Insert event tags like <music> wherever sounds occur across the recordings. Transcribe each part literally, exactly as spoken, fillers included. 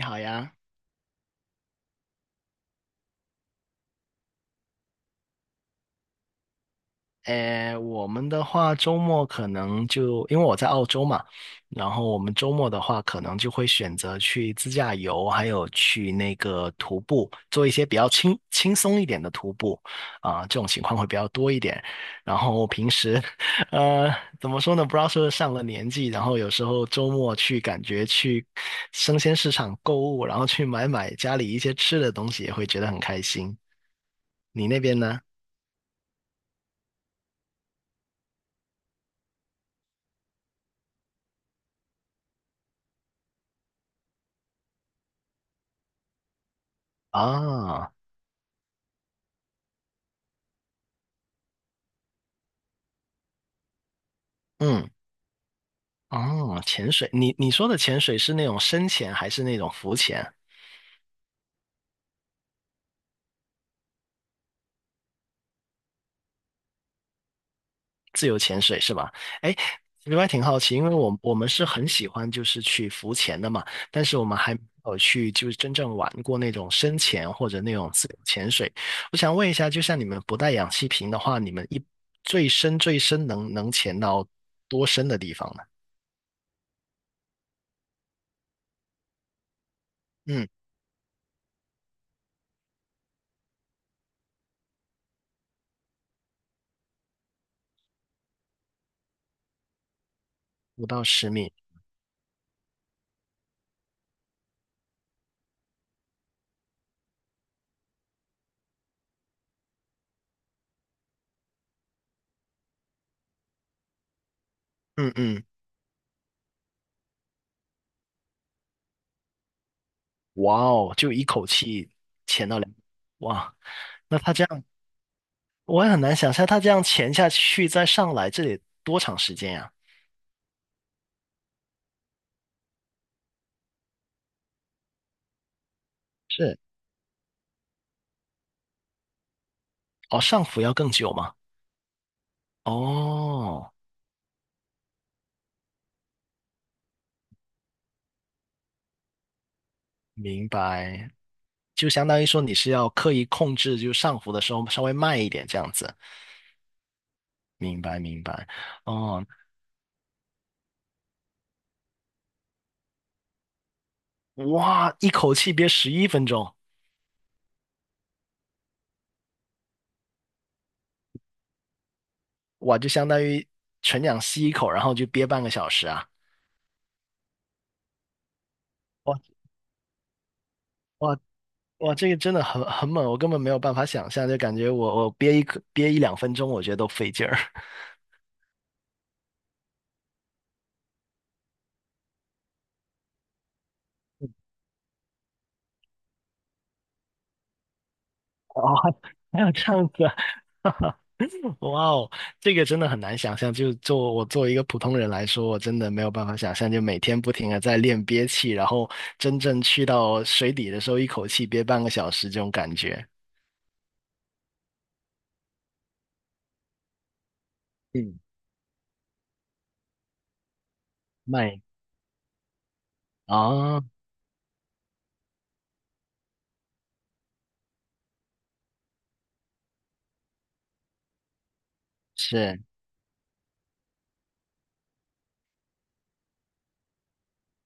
你好呀，诶，我们的话周末可能就因为我在澳洲嘛，然后我们周末的话可能就会选择去自驾游，还有去那个徒步，做一些比较轻轻松一点的徒步，啊、这种情况会比较多一点。然后平时，<laughs> 呃，怎么说呢？不知道是不是上了年纪，然后有时候周末去感觉去生鲜市场购物，然后去买买家里一些吃的东西，也会觉得很开心。你那边呢？啊，嗯。哦，潜水，你你说的潜水是那种深潜还是那种浮潜？自由潜水是吧？哎，另外挺好奇，因为我我们是很喜欢就是去浮潜的嘛，但是我们还没有去就是真正玩过那种深潜或者那种自由潜水。我想问一下，就像你们不带氧气瓶的话，你们一最深最深能能潜到多深的地方呢？嗯，五到十米。嗯嗯，哇哦，就一口气潜到两，哇，那他这样。我也很难想象他这样潜下去再上来，这得多长时间呀？是，哦，上浮要更久吗？哦，明白，就相当于说你是要刻意控制，就上浮的时候稍微慢一点这样子。明白，明白。哦，哇，一口气憋十一分钟，哇，就相当于纯氧吸一口，然后就憋半个小时啊。哇哇哇，这个真的很很猛，我根本没有办法想象，就感觉我我憋一口憋一两分钟，我觉得都费劲儿。哦，还有这样子啊 <laughs> 哇哦，这个真的很难想象。就做我作为一个普通人来说，我真的没有办法想象，就每天不停的在练憋气，然后真正去到水底的时候，一口气憋半个小时这种感觉。嗯，慢啊，是，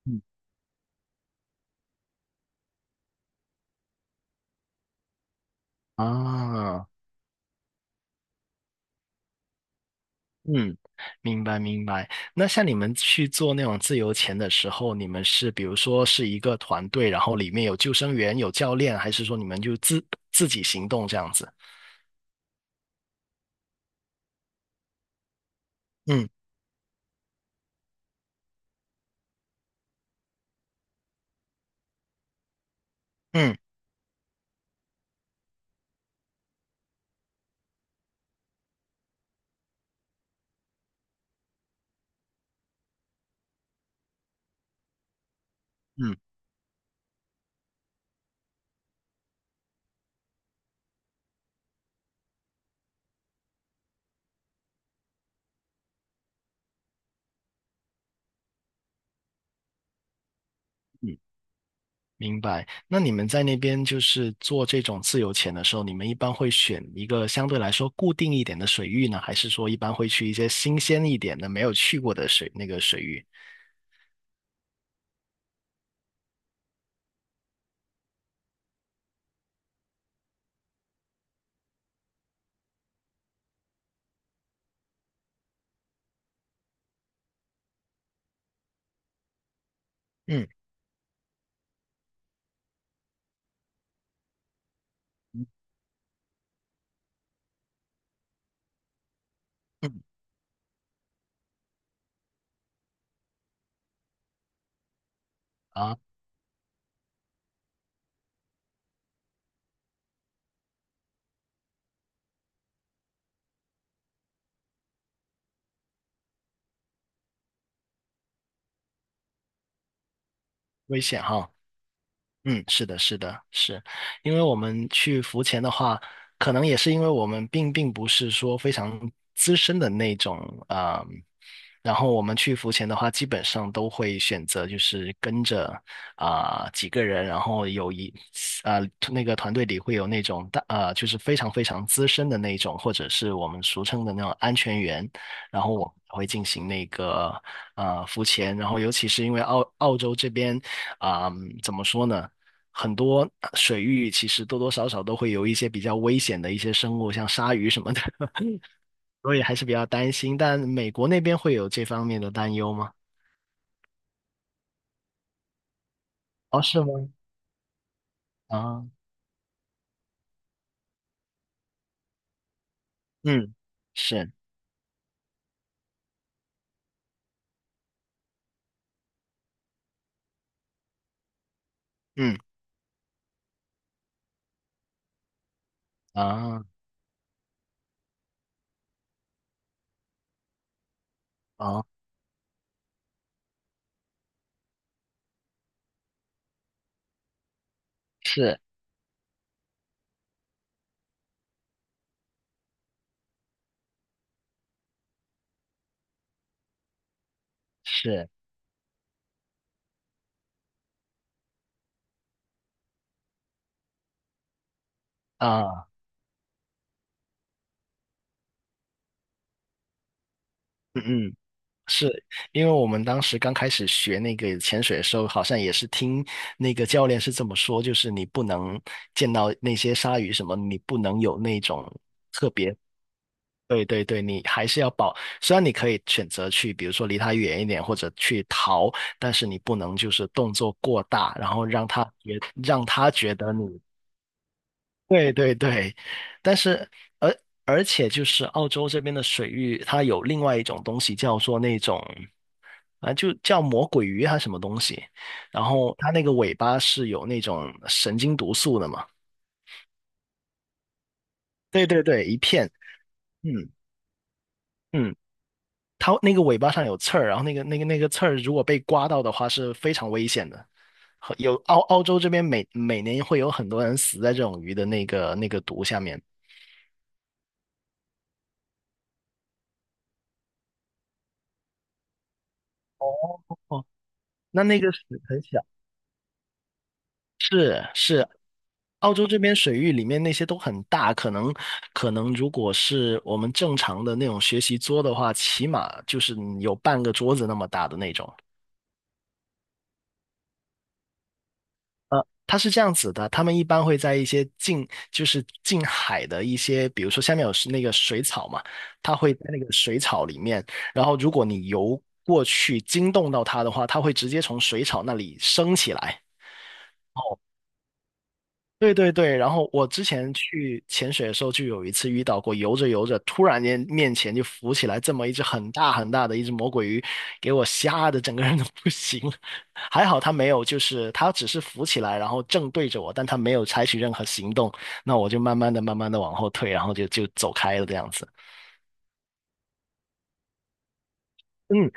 嗯啊，嗯，明白明白。那像你们去做那种自由潜的时候，你们是比如说是一个团队，然后里面有救生员、有教练，还是说你们就自自己行动这样子？嗯嗯。嗯嗯，明白。那你们在那边就是做这种自由潜的时候，你们一般会选一个相对来说固定一点的水域呢，还是说一般会去一些新鲜一点的、没有去过的水那个水域？嗯嗯嗯，啊，危险哈。嗯，是的，是的，是，因为我们去浮潜的话，可能也是因为我们并并不是说非常资深的那种啊、然后我们去浮潜的话，基本上都会选择就是跟着啊、几个人，然后有一啊、那个团队里会有那种大啊、就是非常非常资深的那种，或者是我们俗称的那种安全员，然后我会进行那个啊浮潜，然后尤其是因为澳澳洲这边啊、嗯怎么说呢？很多水域其实多多少少都会有一些比较危险的一些生物，像鲨鱼什么的，<laughs> 所以还是比较担心。但美国那边会有这方面的担忧吗？哦，是吗？啊，嗯，是，嗯，啊，啊，是是啊，嗯嗯。是因为我们当时刚开始学那个潜水的时候，好像也是听那个教练是这么说，就是你不能见到那些鲨鱼什么，你不能有那种特别。对对对，你还是要保。虽然你可以选择去，比如说离他远一点，或者去逃，但是你不能就是动作过大，然后让他觉让他觉得你。对对对，但是而而且就是澳洲这边的水域，它有另外一种东西叫做那种，啊就叫魔鬼鱼还是什么东西，然后它那个尾巴是有那种神经毒素的嘛。对对对，一片，嗯嗯。它那个尾巴上有刺儿，然后那个那个那个刺儿如果被刮到的话是非常危险的。和有澳澳洲这边每每年会有很多人死在这种鱼的那个那个毒下面。哦，那那个水很小。是是，澳洲这边水域里面那些都很大，可能可能如果是我们正常的那种学习桌的话，起码就是有半个桌子那么大的那种。呃，它是这样子的，他们一般会在一些近，就是近海的一些，比如说下面有是那个水草嘛，它会在那个水草里面，然后如果你游过去惊动到它的话，它会直接从水草那里升起来。对对对，然后我之前去潜水的时候，就有一次遇到过，游着游着，突然间面前就浮起来这么一只很大很大的一只魔鬼鱼，给我吓得整个人都不行了。<laughs> 还好它没有，就是它只是浮起来，然后正对着我，但它没有采取任何行动。那我就慢慢的、慢慢的往后退，然后就就走开了这样子。嗯，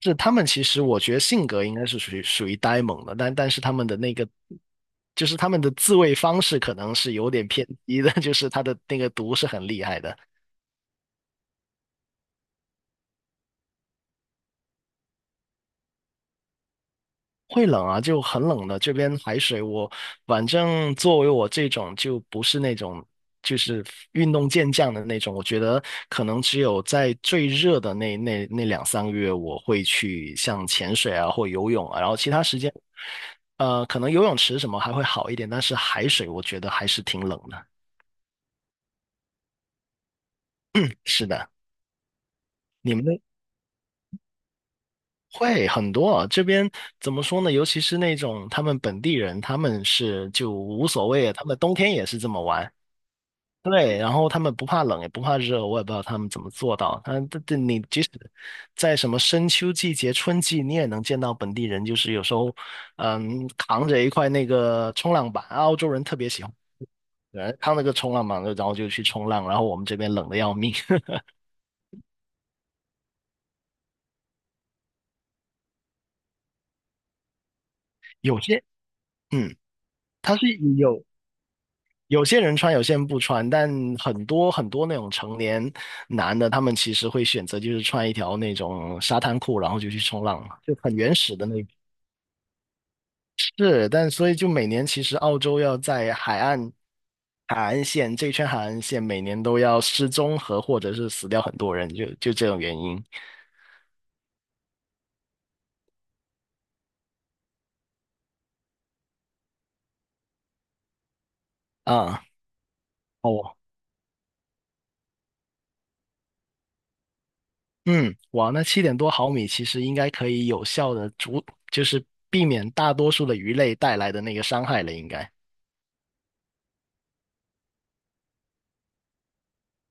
是他们其实我觉得性格应该是属于属于呆萌的，但但是他们的那个就是他们的自卫方式可能是有点偏激的，<laughs> 就是他的那个毒是很厉害的。会冷啊，就很冷的。这边海水我，反正作为我这种就不是那种就是运动健将的那种，我觉得可能只有在最热的那那那两三个月，我会去像潜水啊或游泳啊，然后其他时间，呃，可能游泳池什么还会好一点，但是海水我觉得还是挺冷的。是的，你们会很多啊，这边怎么说呢？尤其是那种他们本地人，他们是就无所谓啊，他们冬天也是这么玩。对，然后他们不怕冷也不怕热，我也不知道他们怎么做到。但这这你即使在什么深秋季节、春季，你也能见到本地人，就是有时候，嗯，扛着一块那个冲浪板，澳洲人特别喜欢，对扛那个冲浪板，然后就去冲浪。然后我们这边冷的要命，<laughs> 有些，嗯，他是有有些人穿，有些人不穿，但很多很多那种成年男的，他们其实会选择就是穿一条那种沙滩裤，然后就去冲浪，就很原始的那种。是，但所以就每年其实澳洲要在海岸海岸线这一圈海岸线每年都要失踪和或者是死掉很多人，就就这种原因啊。哦，嗯，哇，那七点多毫米其实应该可以有效的阻，就是避免大多数的鱼类带来的那个伤害了，应该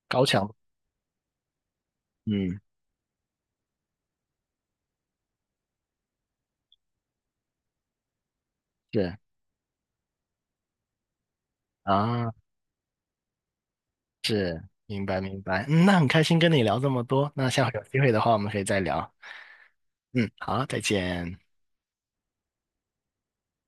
高强。嗯，是啊，是，明白明白。嗯，那很开心跟你聊这么多，那下回有机会的话我们可以再聊。嗯，好，再见。